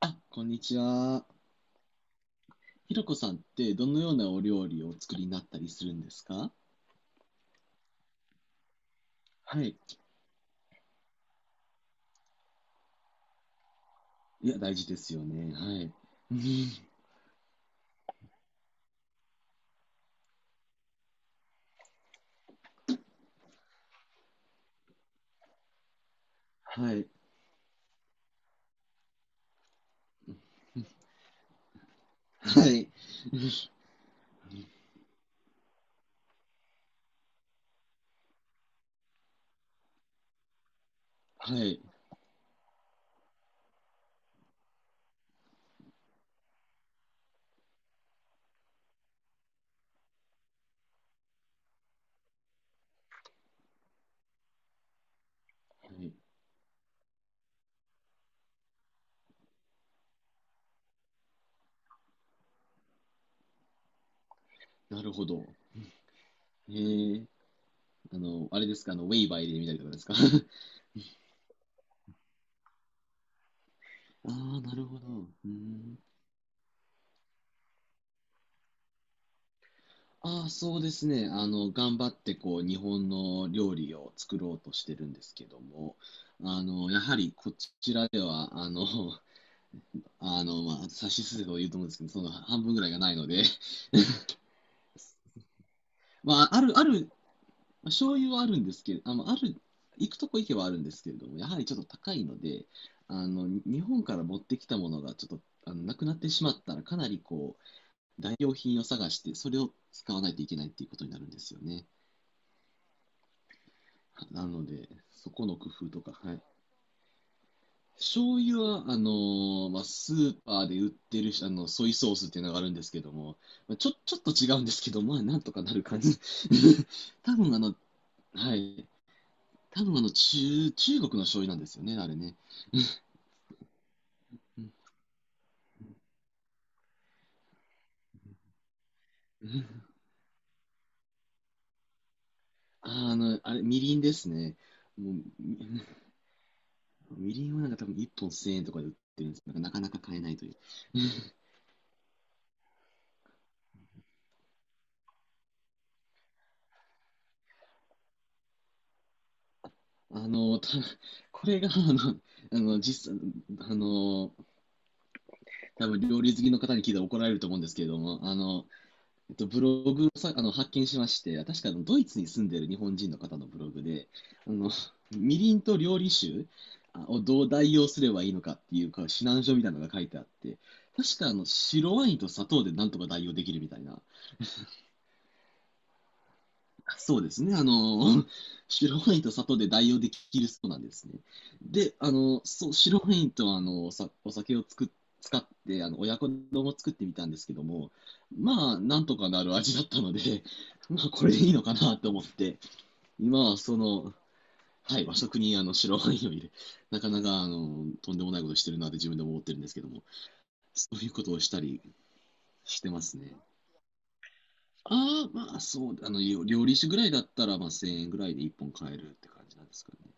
あ、こんにちは。ひろこさんってどのようなお料理をお作りになったりするんですか？はい。いや、大事ですよね。はい。うん。はい。はい。はい。はい。なるほど。へえ。あれですか、ウェイバー入れてみたいなことかですか？ ああ、なるほど。うん。ああ、そうですね。頑張ってこう、日本の料理を作ろうとしてるんですけども、やはりこちらでは、まあ、差しすせば言うと思うんですけど、その半分ぐらいがないので、まあ、ある、ある、醤油はあるんですけど、あの、ある、行くとこ行けばあるんですけれども、やはりちょっと高いので、日本から持ってきたものがちょっと、なくなってしまったら、かなり、代用品を探して、それを使わないといけないっていうことになるんですよね。なので、そこの工夫とか、はい、醤油は、まあ、スーパーで売ってるあのソイソースっていうのがあるんですけども、まあ、ちょっと違うんですけど、まあ、なんとかなる感じ。多分、はい。多分中国の醤油なんですよね、あれね。うん。あー、あの、あれ、みりんですね。もう、み みりんはなんか多分1本1000円とかで売ってるんですけど、なんかなかなか買えないという。あの、た、これが、実際、あの、多分料理好きの方に聞いたら怒られると思うんですけれども、ブログをあの発見しまして、確かあのドイツに住んでいる日本人の方のブログで、あの、 みりんと料理酒をどう代用すればいいのかっていうか指南書みたいなのが書いてあって、確かあの白ワインと砂糖でなんとか代用できるみたいな。そうですね。白ワインと砂糖で代用できるそうなんですね。で、あの、そう、白ワインと、お酒を使って、親子丼を作ってみたんですけども、まあ、なんとかなる味だったので、まあ、これでいいのかなと思って、今はその、はい、和食に白ワインを入れ、なかなか、とんでもないことしてるなって自分でも思ってるんですけども、そういうことをしたりしてますね。ああ、まあそう、あの、料理酒ぐらいだったら、まあ1000円ぐらいで1本買えるって感じなんですかね。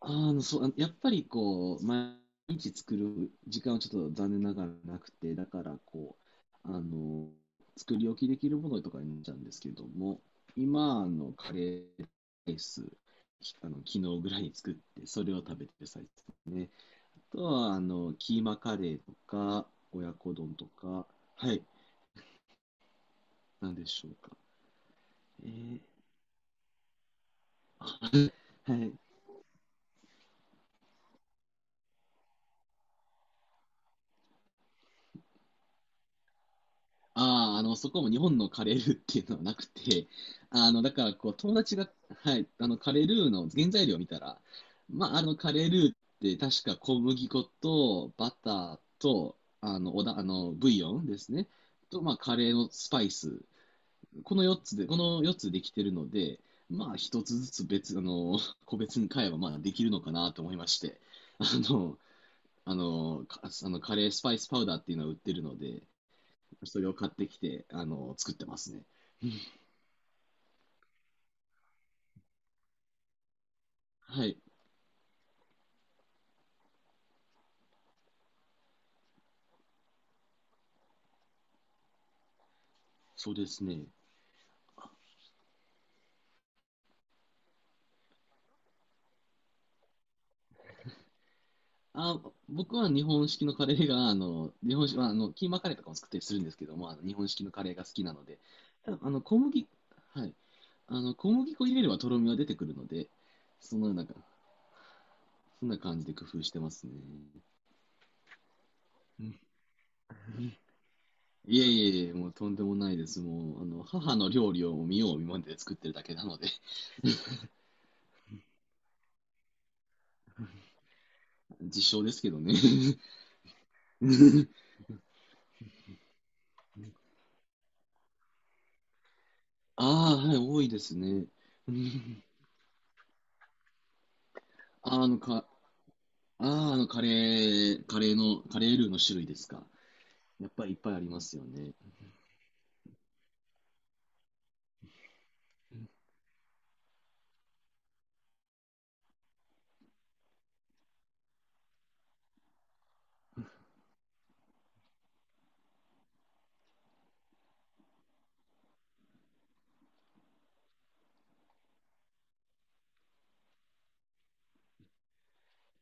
ああ、そう、やっぱりこう、毎日作る時間はちょっと残念ながらなくて、だからう、あの、作り置きできるものとかになっちゃうんですけども、今、カレーライス、きあの、昨日ぐらいに作って、それを食べてる最中ですね。あとは、キーマカレーとか、親子丼とか、はい、なんでしょうか。えー。 はい。ああ、そこも日本のカレールーっていうのはなくて、あの、だから、こう、友達が、はい、カレールーの原材料を見たら、まあ、カレールーって確か小麦粉とバターと、あの、ブイヨンですね。と、まあ、カレーのスパイス。この4つで、この4つできてるので、まあ、1つずつ別、あの、個別に買えば、まあ、できるのかなと思いまして、あの、あの、あのカレースパイスパウダーっていうのは売ってるので、それを買ってきて、作ってますね。はい、そうですね。あ、僕は日本式のカレーが、あの、日本式、まああの、キーマカレーとかも作ったりするんですけども、日本式のカレーが好きなので、ただ、はい。小麦粉入れればとろみは出てくるので、そのようなか、そんな感じで工夫してますね。いえいえ、もうとんでもないです。もう、母の料理を見よう見まねで作ってるだけなので、実証ですけどね。ああ、はい、多いですね。あのか、あー、あのカレー、カレーの、カレールーの種類ですか。やっぱりいっぱいありますよね。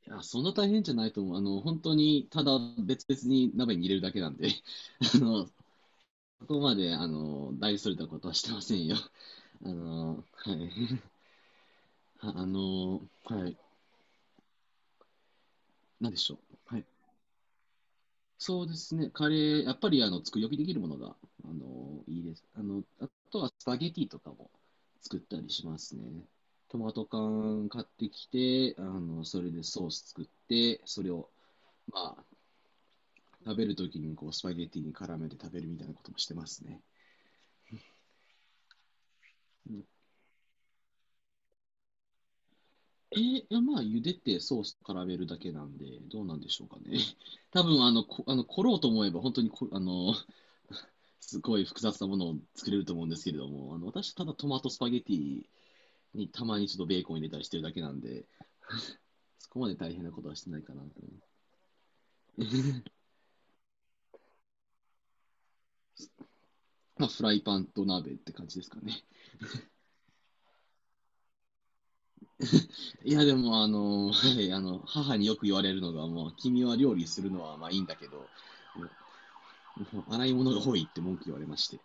いや、そんな大変じゃないと思う。本当に、ただ別々に鍋に入れるだけなんで、あの、そこまで、大それたことはしてませんよ。あの、はい。ああの、はい。なんでしょう。はい。そうですね、カレー、やっぱりあの作り置きできるものがあのいいです、あの。あとはスパゲティとかも作ったりしますね。トマト缶買ってきて、あのそれでソース作って、それを、まあ、食べるときにこうスパゲティに絡めて食べるみたいなこともしてますね。いやまあ、茹でてソースと絡めるだけなんで、どうなんでしょうかね。多分、あの、凝ろうと思えば、本当にこ、あの、すごい複雑なものを作れると思うんですけれども、あの、私、ただトマトスパゲティにたまにちょっとベーコン入れたりしてるだけなんで、そこまで大変なことはしてないかなと思います。まあ、フライパンと鍋って感じですかね。いや、でも、あの、はい、あの、母によく言われるのが、もう、君は料理するのはまあいいんだけど、もう洗い物が多いって文句言われまして。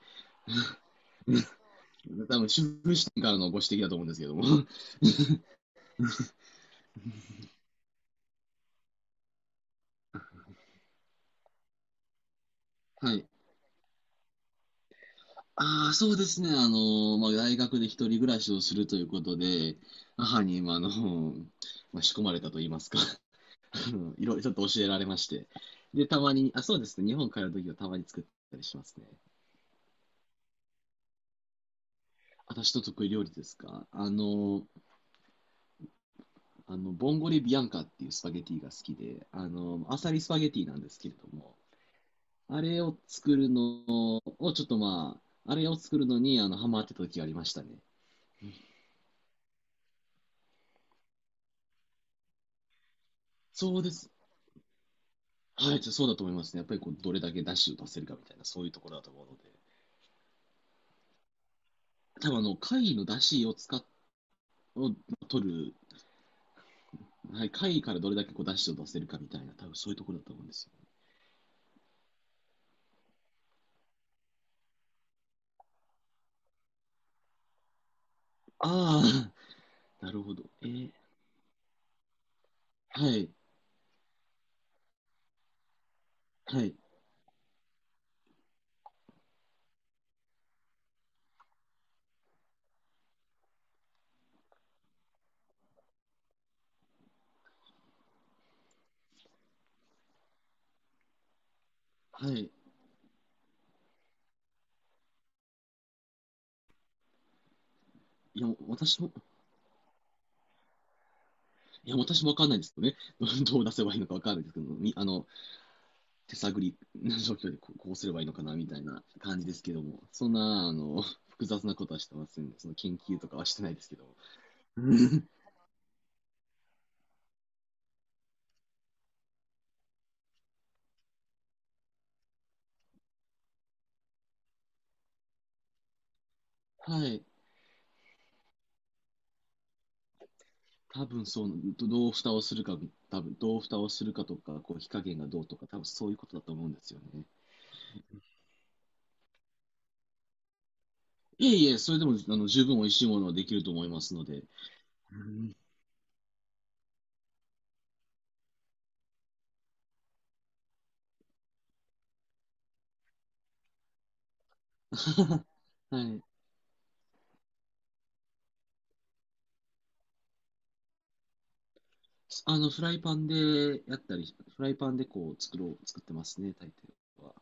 多分、主婦視点からのご指摘だと思うんですけども。はい。ああ、そうですね。まあ、大学で一人暮らしをするということで、母に、まあ、あの、まあ、仕込まれたと言いますか。あのいろいろちょっと教えられまして。で、たまに、あ、そうですね。日本帰るときはたまに作ったりしますね。私の得意料理ですか。あの、ボンゴレビアンカっていうスパゲティが好きで、アサリスパゲティなんですけれども、あれを作るのを、ちょっとまあ、あれを作るのに、ハマってた時がありましたね。そうです。はい、そうだと思いますね。やっぱりこうどれだけ出汁を出せるかみたいな、そういうところだと思うので。多分、貝の出汁を使っ、を取る、はい、貝からどれだけこう出汁を出せるかみたいな、多分そういうところだと思うんですよ。あ、あ、なるほど。えー。はい、はい、はい。いや、私も、いや、私もわかんないんですけどね。どう出せばいいのかわかんないですけど、みあの、手探りの状況でこう、こうすればいいのかなみたいな感じですけども、そんな、複雑なことはしてませんね。その研究とかはしてないですけども。うん。はい。多分そう、どどう蓋をするか、どう蓋をするかとか、こう火加減がどうとか、多分そういうことだと思うんですよね。いえいえ、それでもあの十分美味しいものはできると思いますので。うん。 はい。あの、フライパンでこう作ろう、作ってますね、大抵は。